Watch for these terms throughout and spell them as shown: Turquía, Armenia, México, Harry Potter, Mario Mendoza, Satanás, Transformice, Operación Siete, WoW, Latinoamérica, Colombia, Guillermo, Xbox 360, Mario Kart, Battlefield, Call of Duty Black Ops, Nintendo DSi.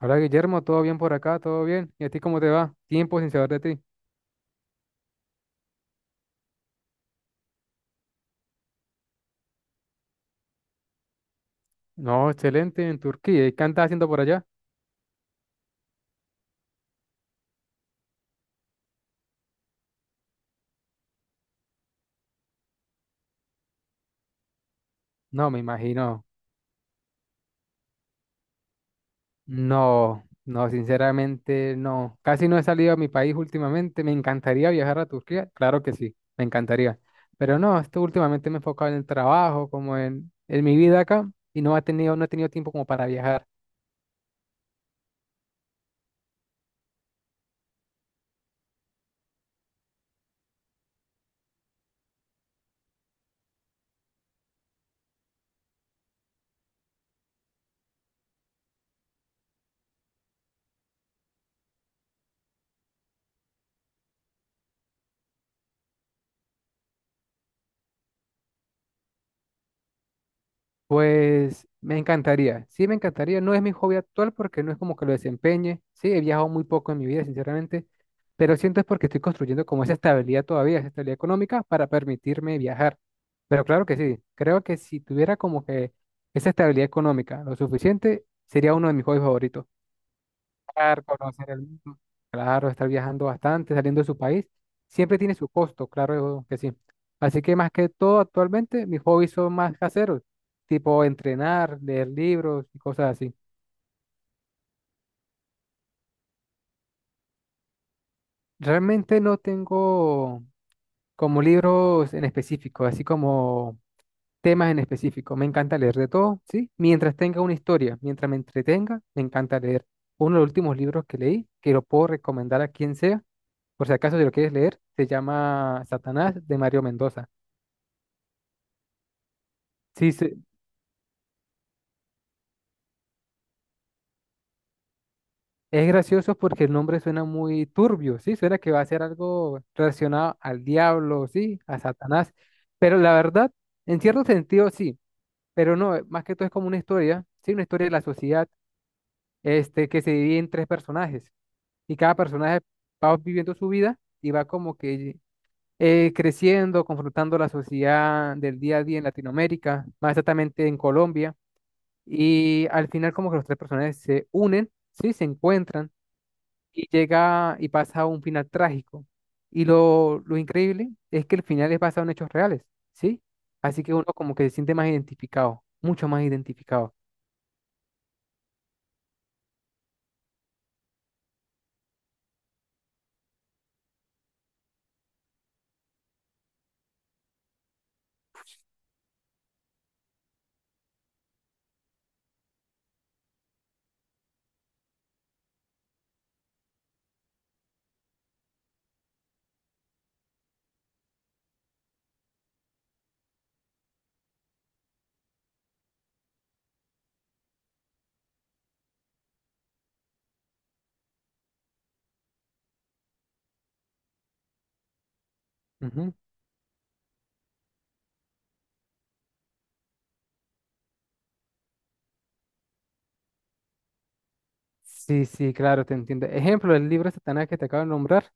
Hola Guillermo, ¿todo bien por acá? ¿Todo bien? ¿Y a ti cómo te va? Tiempo sin saber de ti. No, excelente, en Turquía. ¿Y qué andas haciendo por allá? No, me imagino. No, no, sinceramente no. Casi no he salido a mi país últimamente. Me encantaría viajar a Turquía. Claro que sí, me encantaría. Pero no, esto últimamente me he enfocado en el trabajo, como en mi vida acá, y no he tenido tiempo como para viajar. Pues me encantaría, sí me encantaría, no es mi hobby actual porque no es como que lo desempeñe, sí, he viajado muy poco en mi vida, sinceramente, pero siento es porque estoy construyendo como esa estabilidad todavía, esa estabilidad económica para permitirme viajar. Pero claro que sí, creo que si tuviera como que esa estabilidad económica lo suficiente, sería uno de mis hobbies favoritos viajar, conocer el mundo, claro, estar viajando bastante, saliendo de su país, siempre tiene su costo, claro que sí. Así que más que todo, actualmente mis hobbies son más caseros, tipo entrenar, leer libros y cosas así. Realmente no tengo como libros en específico, así como temas en específico. Me encanta leer de todo, ¿sí? Mientras tenga una historia, mientras me entretenga, me encanta leer. Uno de los últimos libros que leí, que lo puedo recomendar a quien sea. Por si acaso, si lo quieres leer, se llama Satanás de Mario Mendoza. Sí, es gracioso porque el nombre suena muy turbio, sí, suena que va a ser algo relacionado al diablo, sí, a Satanás. Pero la verdad, en cierto sentido, sí, pero no, más que todo es como una historia, sí, una historia de la sociedad, este, que se divide en tres personajes, y cada personaje va viviendo su vida y va como que creciendo, confrontando la sociedad del día a día en Latinoamérica, más exactamente en Colombia. Y al final como que los tres personajes se unen, ¿sí? Se encuentran y llega y pasa a un final trágico. Y lo increíble es que el final es basado en hechos reales, ¿sí? Así que uno como que se siente más identificado, mucho más identificado. Ujú. Sí, sí, claro, te entiendo. Ejemplo, el libro de Satanás que te acabo de nombrar,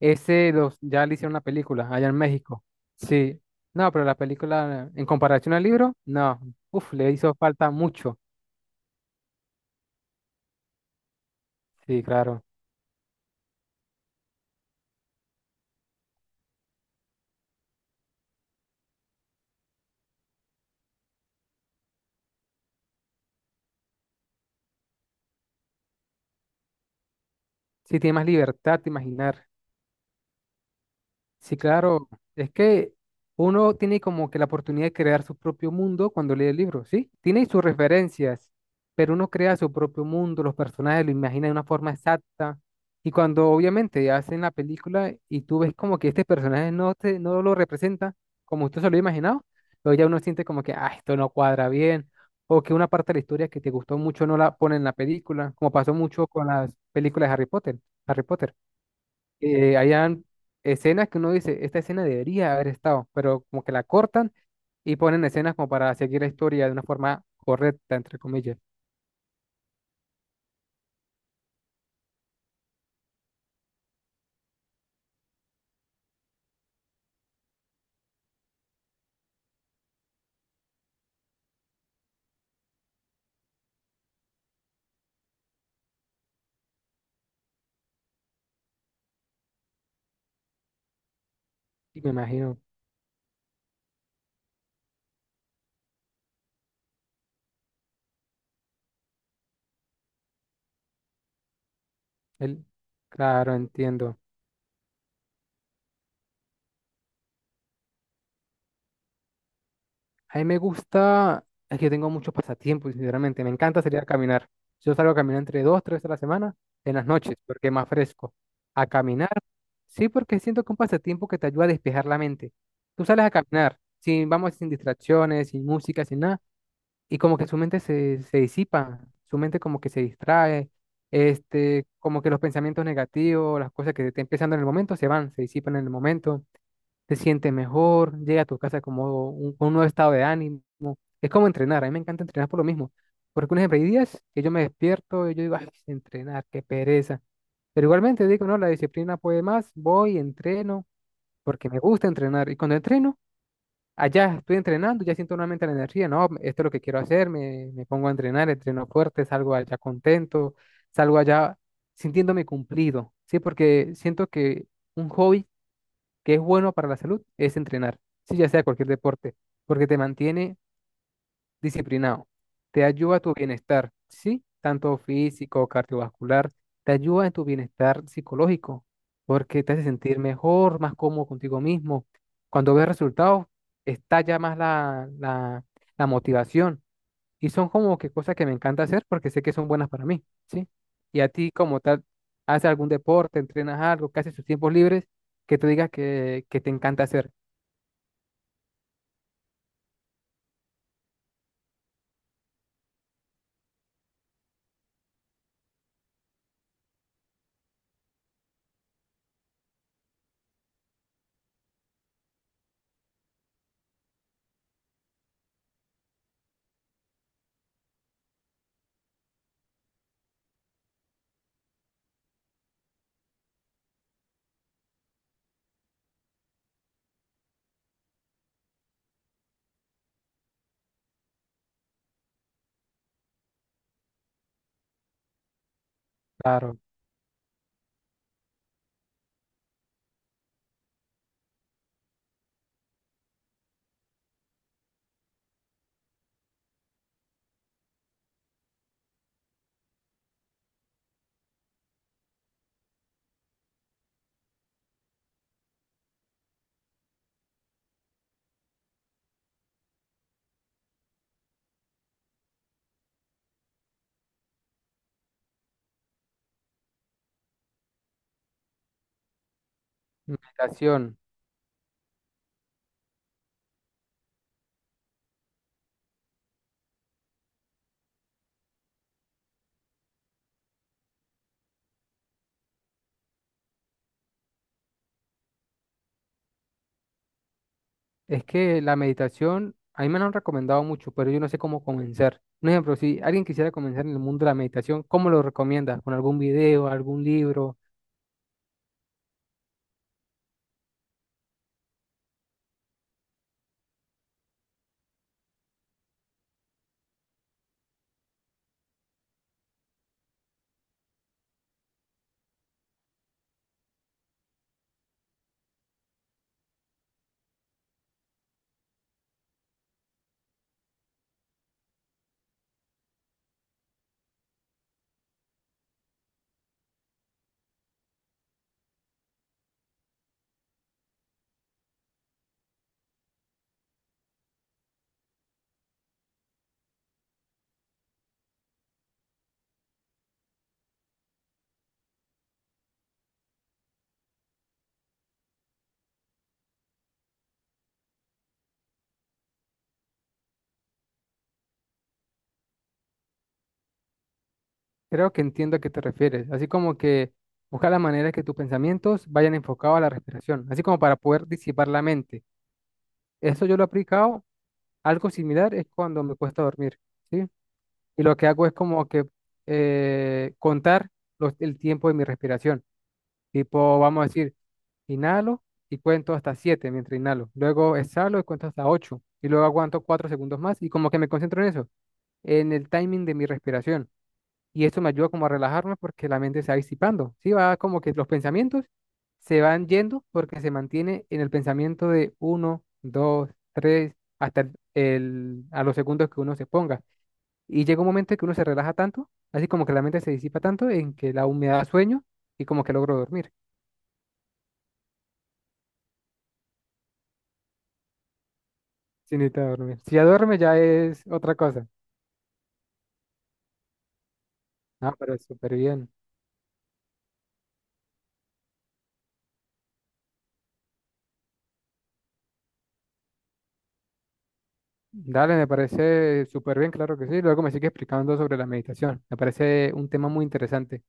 ese ya le hicieron una película allá en México. Sí, no, pero la película en comparación al libro, no, uf, le hizo falta mucho. Sí, claro. Sí, tiene más libertad de imaginar. Sí, claro. Es que uno tiene como que la oportunidad de crear su propio mundo cuando lee el libro, ¿sí? Tiene sus referencias, pero uno crea su propio mundo, los personajes lo imagina de una forma exacta. Y cuando obviamente hacen la película y tú ves como que este personaje no, no lo representa como usted se lo ha imaginado, luego ya uno siente como que, ah, esto no cuadra bien, o que una parte de la historia que te gustó mucho no la pone en la película, como pasó mucho con las películas de Harry Potter. Harry Potter, hayan escenas que uno dice, esta escena debería haber estado, pero como que la cortan y ponen escenas como para seguir la historia de una forma correcta, entre comillas. Y me imagino, él, claro, entiendo. A mí me gusta, es que tengo muchos pasatiempos, sinceramente, me encanta salir a caminar. Yo salgo a caminar entre dos, tres veces a la semana, en las noches, porque es más fresco. A caminar, sí, porque siento que es un pasatiempo que te ayuda a despejar la mente. Tú sales a caminar, sin, vamos, sin distracciones, sin música, sin nada, y como que su mente se disipa, su mente como que se distrae, este, como que los pensamientos negativos, las cosas que estén pensando en el momento se van, se disipan en el momento, te sientes mejor, llega a tu casa con un nuevo estado de ánimo. Es como entrenar, a mí me encanta entrenar por lo mismo, porque un ejemplo, hay días que yo me despierto y yo digo, ay, entrenar, qué pereza. Pero igualmente digo, no, la disciplina puede más, voy, entreno, porque me gusta entrenar. Y cuando entreno, allá estoy entrenando, ya siento nuevamente la energía, no, esto es lo que quiero hacer, me pongo a entrenar, entreno fuerte, salgo allá contento, salgo allá sintiéndome cumplido, ¿sí? Porque siento que un hobby que es bueno para la salud es entrenar, sí, ya sea cualquier deporte, porque te mantiene disciplinado. Te ayuda a tu bienestar, ¿sí? Tanto físico, cardiovascular, te ayuda en tu bienestar psicológico, porque te hace sentir mejor, más cómodo contigo mismo. Cuando ves resultados, estalla más la motivación. Y son como que cosas que me encanta hacer porque sé que son buenas para mí, ¿sí? Y a ti como tal, ¿haces algún deporte, entrenas algo, que haces tus tiempos libres, que, tú digas que te encanta hacer? Claro, meditación. Es que la meditación, a mí me la han recomendado mucho, pero yo no sé cómo comenzar. Un ejemplo, si alguien quisiera comenzar en el mundo de la meditación, ¿cómo lo recomiendas? ¿Con algún video, algún libro? Creo que entiendo a qué te refieres. Así como que buscar la manera que tus pensamientos vayan enfocados a la respiración, así como para poder disipar la mente. Eso yo lo he aplicado. Algo similar es cuando me cuesta dormir, ¿sí? Y lo que hago es como que contar el tiempo de mi respiración. Tipo, vamos a decir, inhalo y cuento hasta 7 mientras inhalo. Luego exhalo y cuento hasta ocho, y luego aguanto 4 segundos más y como que me concentro en eso, en el timing de mi respiración. Y esto me ayuda como a relajarme porque la mente se va disipando. Sí, va como que los pensamientos se van yendo porque se mantiene en el pensamiento de uno, 2, 3 hasta a los segundos que uno se ponga. Y llega un momento en que uno se relaja tanto, así como que la mente se disipa tanto en que la humedad da sueño y como que logro dormir. Sí, necesita dormir. Si ya duerme, ya es otra cosa. Ah, pero súper bien. Dale, me parece súper bien, claro que sí. Luego me sigue explicando sobre la meditación. Me parece un tema muy interesante.